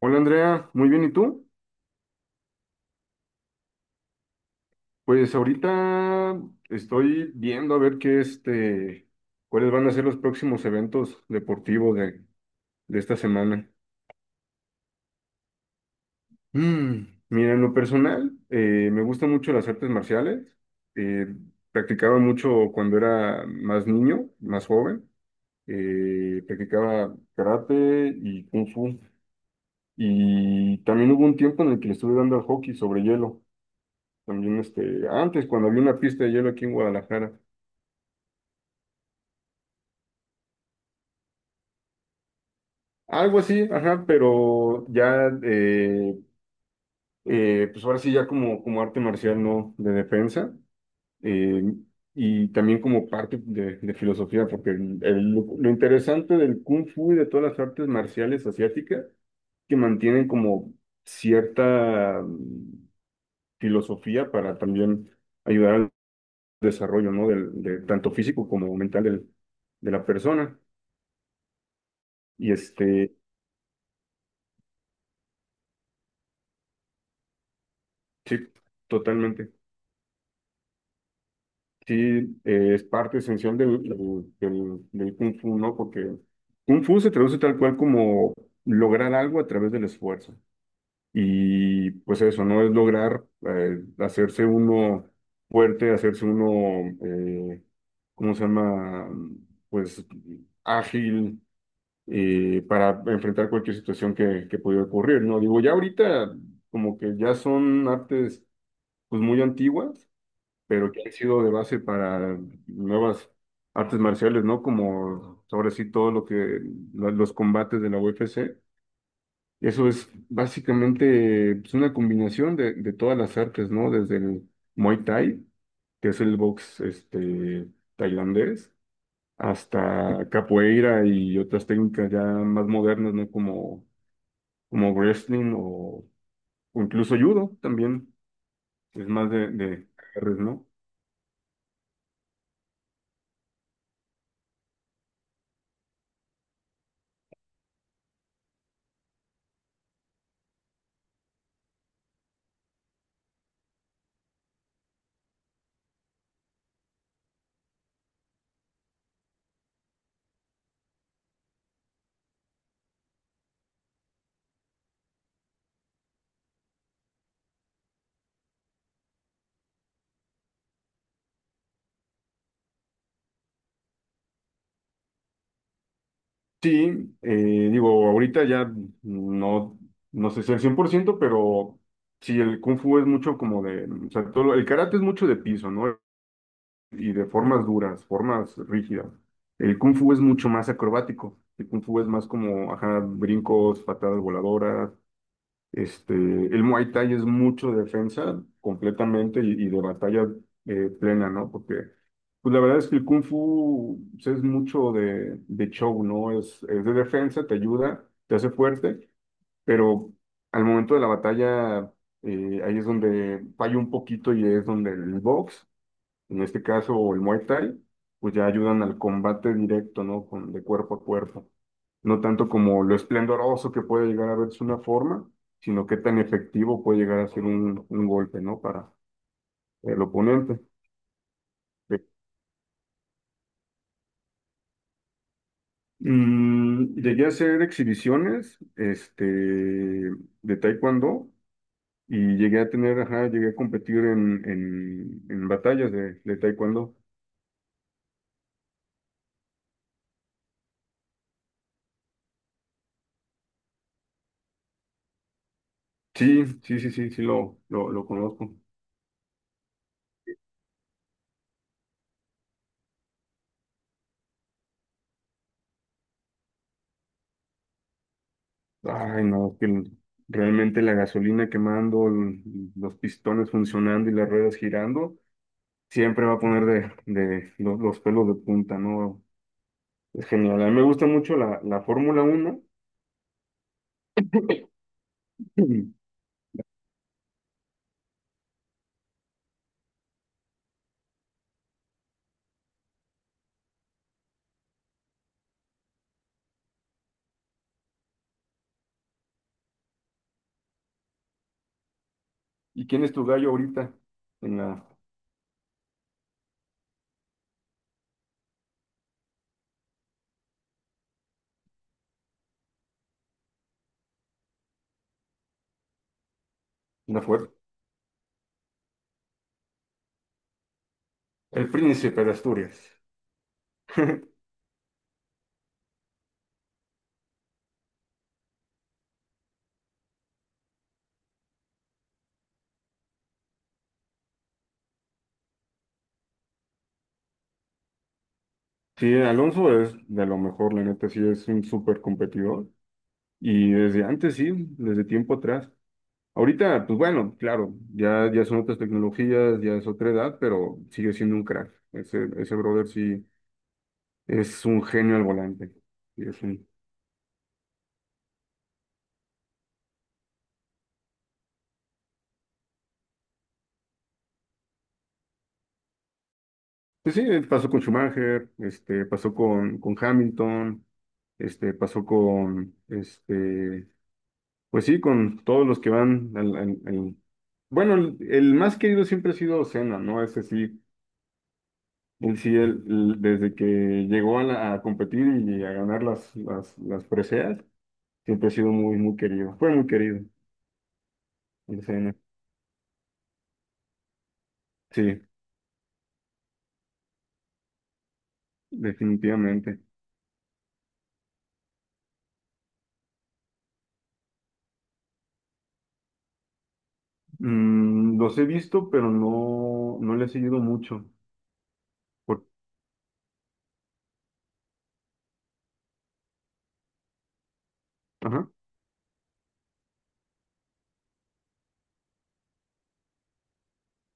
Hola Andrea, muy bien, ¿y tú? Pues ahorita estoy viendo a ver qué cuáles van a ser los próximos eventos deportivos de esta semana. Mm, Mira, en lo personal, me gustan mucho las artes marciales. Eh, Practicaba mucho cuando era más niño, más joven. Practicaba karate y kung fu. Y también hubo un tiempo en el que le estuve dando al hockey sobre hielo. También antes, cuando había una pista de hielo aquí en Guadalajara. Algo así, ajá, pero ya, pues ahora sí, ya como arte marcial, ¿no? De defensa, eh, y también como parte de filosofía, porque lo interesante del Kung Fu y de todas las artes marciales asiáticas, que mantienen como cierta filosofía para también ayudar al desarrollo, ¿no? Tanto físico como mental de la persona. Y sí, totalmente. Sí, es parte esencial del Kung Fu, ¿no? Porque Kung Fu se traduce tal cual como lograr algo a través del esfuerzo. Y pues eso, ¿no? Es lograr hacerse uno fuerte, hacerse uno, ¿cómo se llama? Pues ágil para enfrentar cualquier situación que pudiera ocurrir, ¿no? Digo, ya ahorita como que ya son artes pues muy antiguas pero que ha sido de base para nuevas artes marciales, ¿no? Como ahora sí todo los combates de la UFC. Eso es básicamente pues, una combinación de todas las artes, ¿no? Desde el Muay Thai, que es el box tailandés, hasta capoeira y otras técnicas ya más modernas, ¿no? Como wrestling o incluso judo también, es más de agarres, ¿no? Sí, digo, ahorita ya no, no sé si al 100%, pero sí, el Kung Fu es mucho como de, o sea, todo, el karate es mucho de piso, ¿no? Y de formas duras, formas rígidas. El Kung Fu es mucho más acrobático. El Kung Fu es más como, ajá, brincos, patadas voladoras, el Muay Thai es mucho defensa completamente y de batalla plena, ¿no? Porque, pues la verdad es que el Kung Fu pues, es mucho de show, ¿no? Es de defensa, te ayuda, te hace fuerte, pero al momento de la batalla ahí es donde falla un poquito y es donde el box en este caso, o el Muay Thai, pues ya ayudan al combate directo, ¿no? Con, de cuerpo a cuerpo. No tanto como lo esplendoroso que puede llegar a verse una forma, sino qué tan efectivo puede llegar a ser un golpe, ¿no? Para el oponente. Llegué a hacer exhibiciones, de taekwondo y llegué a tener, ajá, llegué a competir en batallas de taekwondo. Sí, sí, sí, sí, sí lo conozco. Ay, no, que realmente la gasolina quemando, los pistones funcionando y las ruedas girando, siempre va a poner de los pelos de punta, ¿no? Es genial. A mí me gusta mucho la Fórmula Uno ¿Y quién es tu gallo ahorita en la, en la fuerza? El Príncipe de Asturias. Sí, Alonso es de lo mejor, la neta, sí es un súper competidor. Y desde antes, sí, desde tiempo atrás. Ahorita, pues bueno, claro, ya son otras tecnologías, ya es otra edad, pero sigue siendo un crack. Ese brother sí es un genio al volante. Sí, pues sí, pasó con Schumacher, pasó con Hamilton, pasó con, pues sí, con todos los que van bueno, el más querido siempre ha sido Senna, ¿no? Ese sí, él sí, desde que llegó a competir y a ganar las preseas. Siempre ha sido muy, muy querido. Fue muy querido. El CN. Sí, definitivamente. Los he visto, pero no, no le he seguido mucho. Por- Ajá,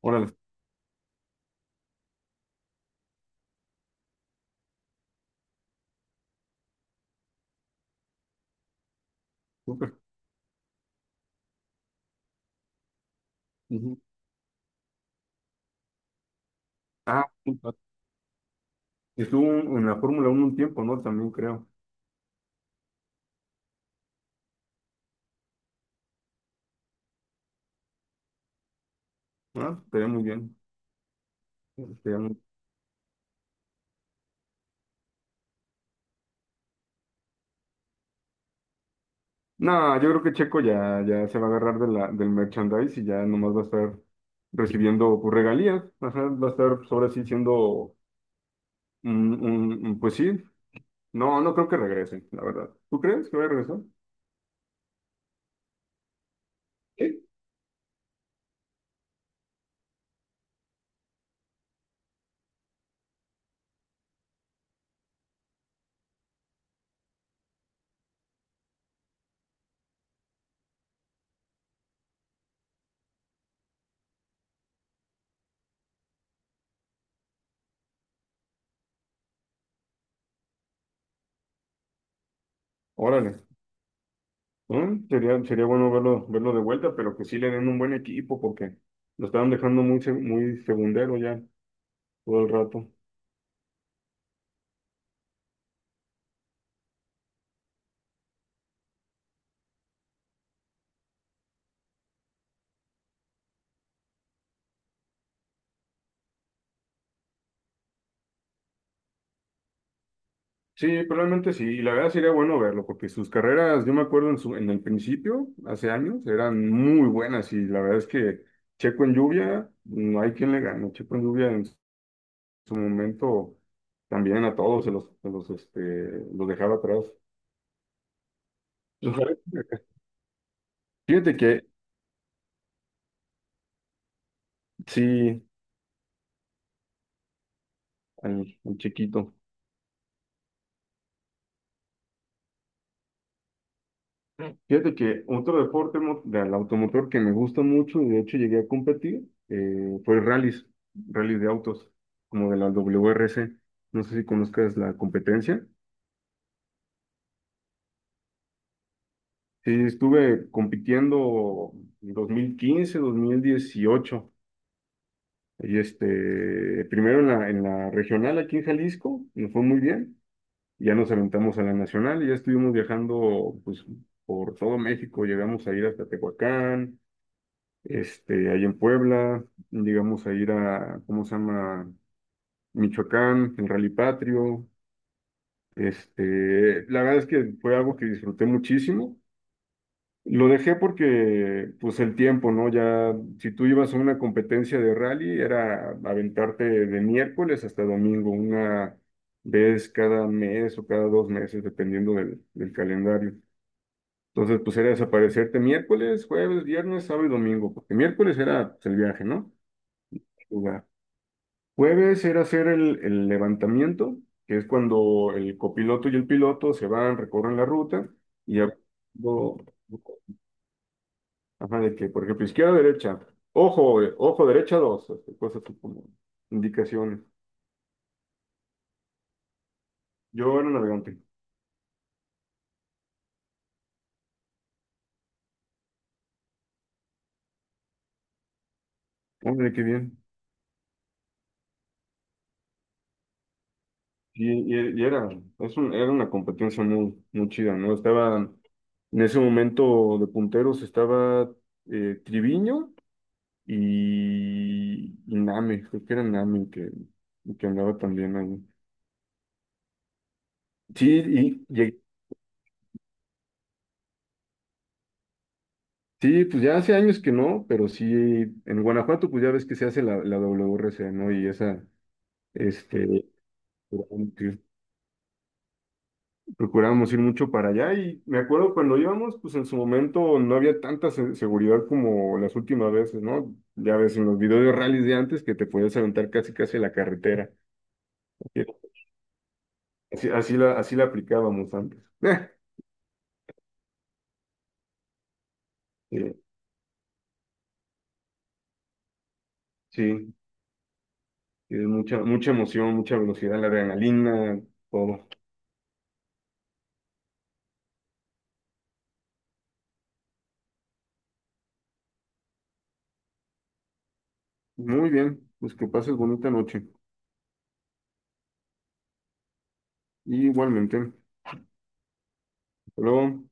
órale, súper. Ujú. Ah, sí, estuvo en la Fórmula 1 un tiempo, ¿no? También creo. Ah, estaría muy bien. Estaría muy- No, yo creo que Checo ya se va a agarrar de la, del merchandise y ya nomás va a estar recibiendo pues, regalías. Ajá, va a estar pues, ahora sí siendo, pues sí. No, no creo que regresen, la verdad. ¿Tú crees que va a regresar? Sí. Órale. Sería bueno verlo, de vuelta, pero que sí le den un buen equipo porque lo estaban dejando muy, muy segundero ya todo el rato. Sí, probablemente sí. Y la verdad sería bueno verlo porque sus carreras, yo me acuerdo en el principio, hace años, eran muy buenas y la verdad es que Checo en lluvia, no hay quien le gane. Checo en lluvia en su momento también a todos los dejaba atrás. Ojalá. Fíjate que. Sí, al chiquito. Fíjate que otro deporte del automotor que me gusta mucho y de hecho llegué a competir fue rallies, rallies de autos, como de la WRC. No sé si conozcas la competencia. Sí, estuve compitiendo en dos mil quince, 2018. Y primero en la regional aquí en Jalisco, nos fue muy bien. Ya nos aventamos a la nacional y ya estuvimos viajando pues, por todo México. Llegamos a ir hasta Tehuacán, ahí en Puebla, digamos a ir a, ¿cómo se llama? Michoacán, el Rally Patrio. La verdad es que fue algo que disfruté muchísimo. Lo dejé porque, pues, el tiempo, ¿no? Ya, si tú ibas a una competencia de rally, era aventarte de miércoles hasta domingo, una vez cada mes o cada dos meses, dependiendo del calendario. Entonces, pues era desaparecerte miércoles, jueves, viernes, sábado y domingo, porque miércoles era pues, el viaje, ¿no? Jueves era hacer el levantamiento, que es cuando el copiloto y el piloto se van, recorren la ruta y ajá, de que, por ejemplo, izquierda, derecha, ojo, ojo, derecha, dos, cosas así como indicaciones. Yo era navegante. Hombre, qué bien. Y era una competencia muy, muy chida, ¿no? En ese momento de punteros estaba Triviño y Nami, creo que era Nami que andaba también ahí. Sí, sí, pues ya hace años que no, pero sí, en Guanajuato pues ya ves que se hace la WRC, ¿no? Y esa, este, procuramos ir procuramos ir mucho para allá y me acuerdo cuando íbamos, pues en su momento no había tanta seguridad como las últimas veces, ¿no? Ya ves en los videos de rallies de antes que te podías aventar casi casi a la carretera. Así la aplicábamos antes. Sí. Sí. Tienes mucha, mucha emoción, mucha velocidad, la adrenalina, todo. Muy bien, pues que pases bonita noche. Y igualmente. Hasta luego.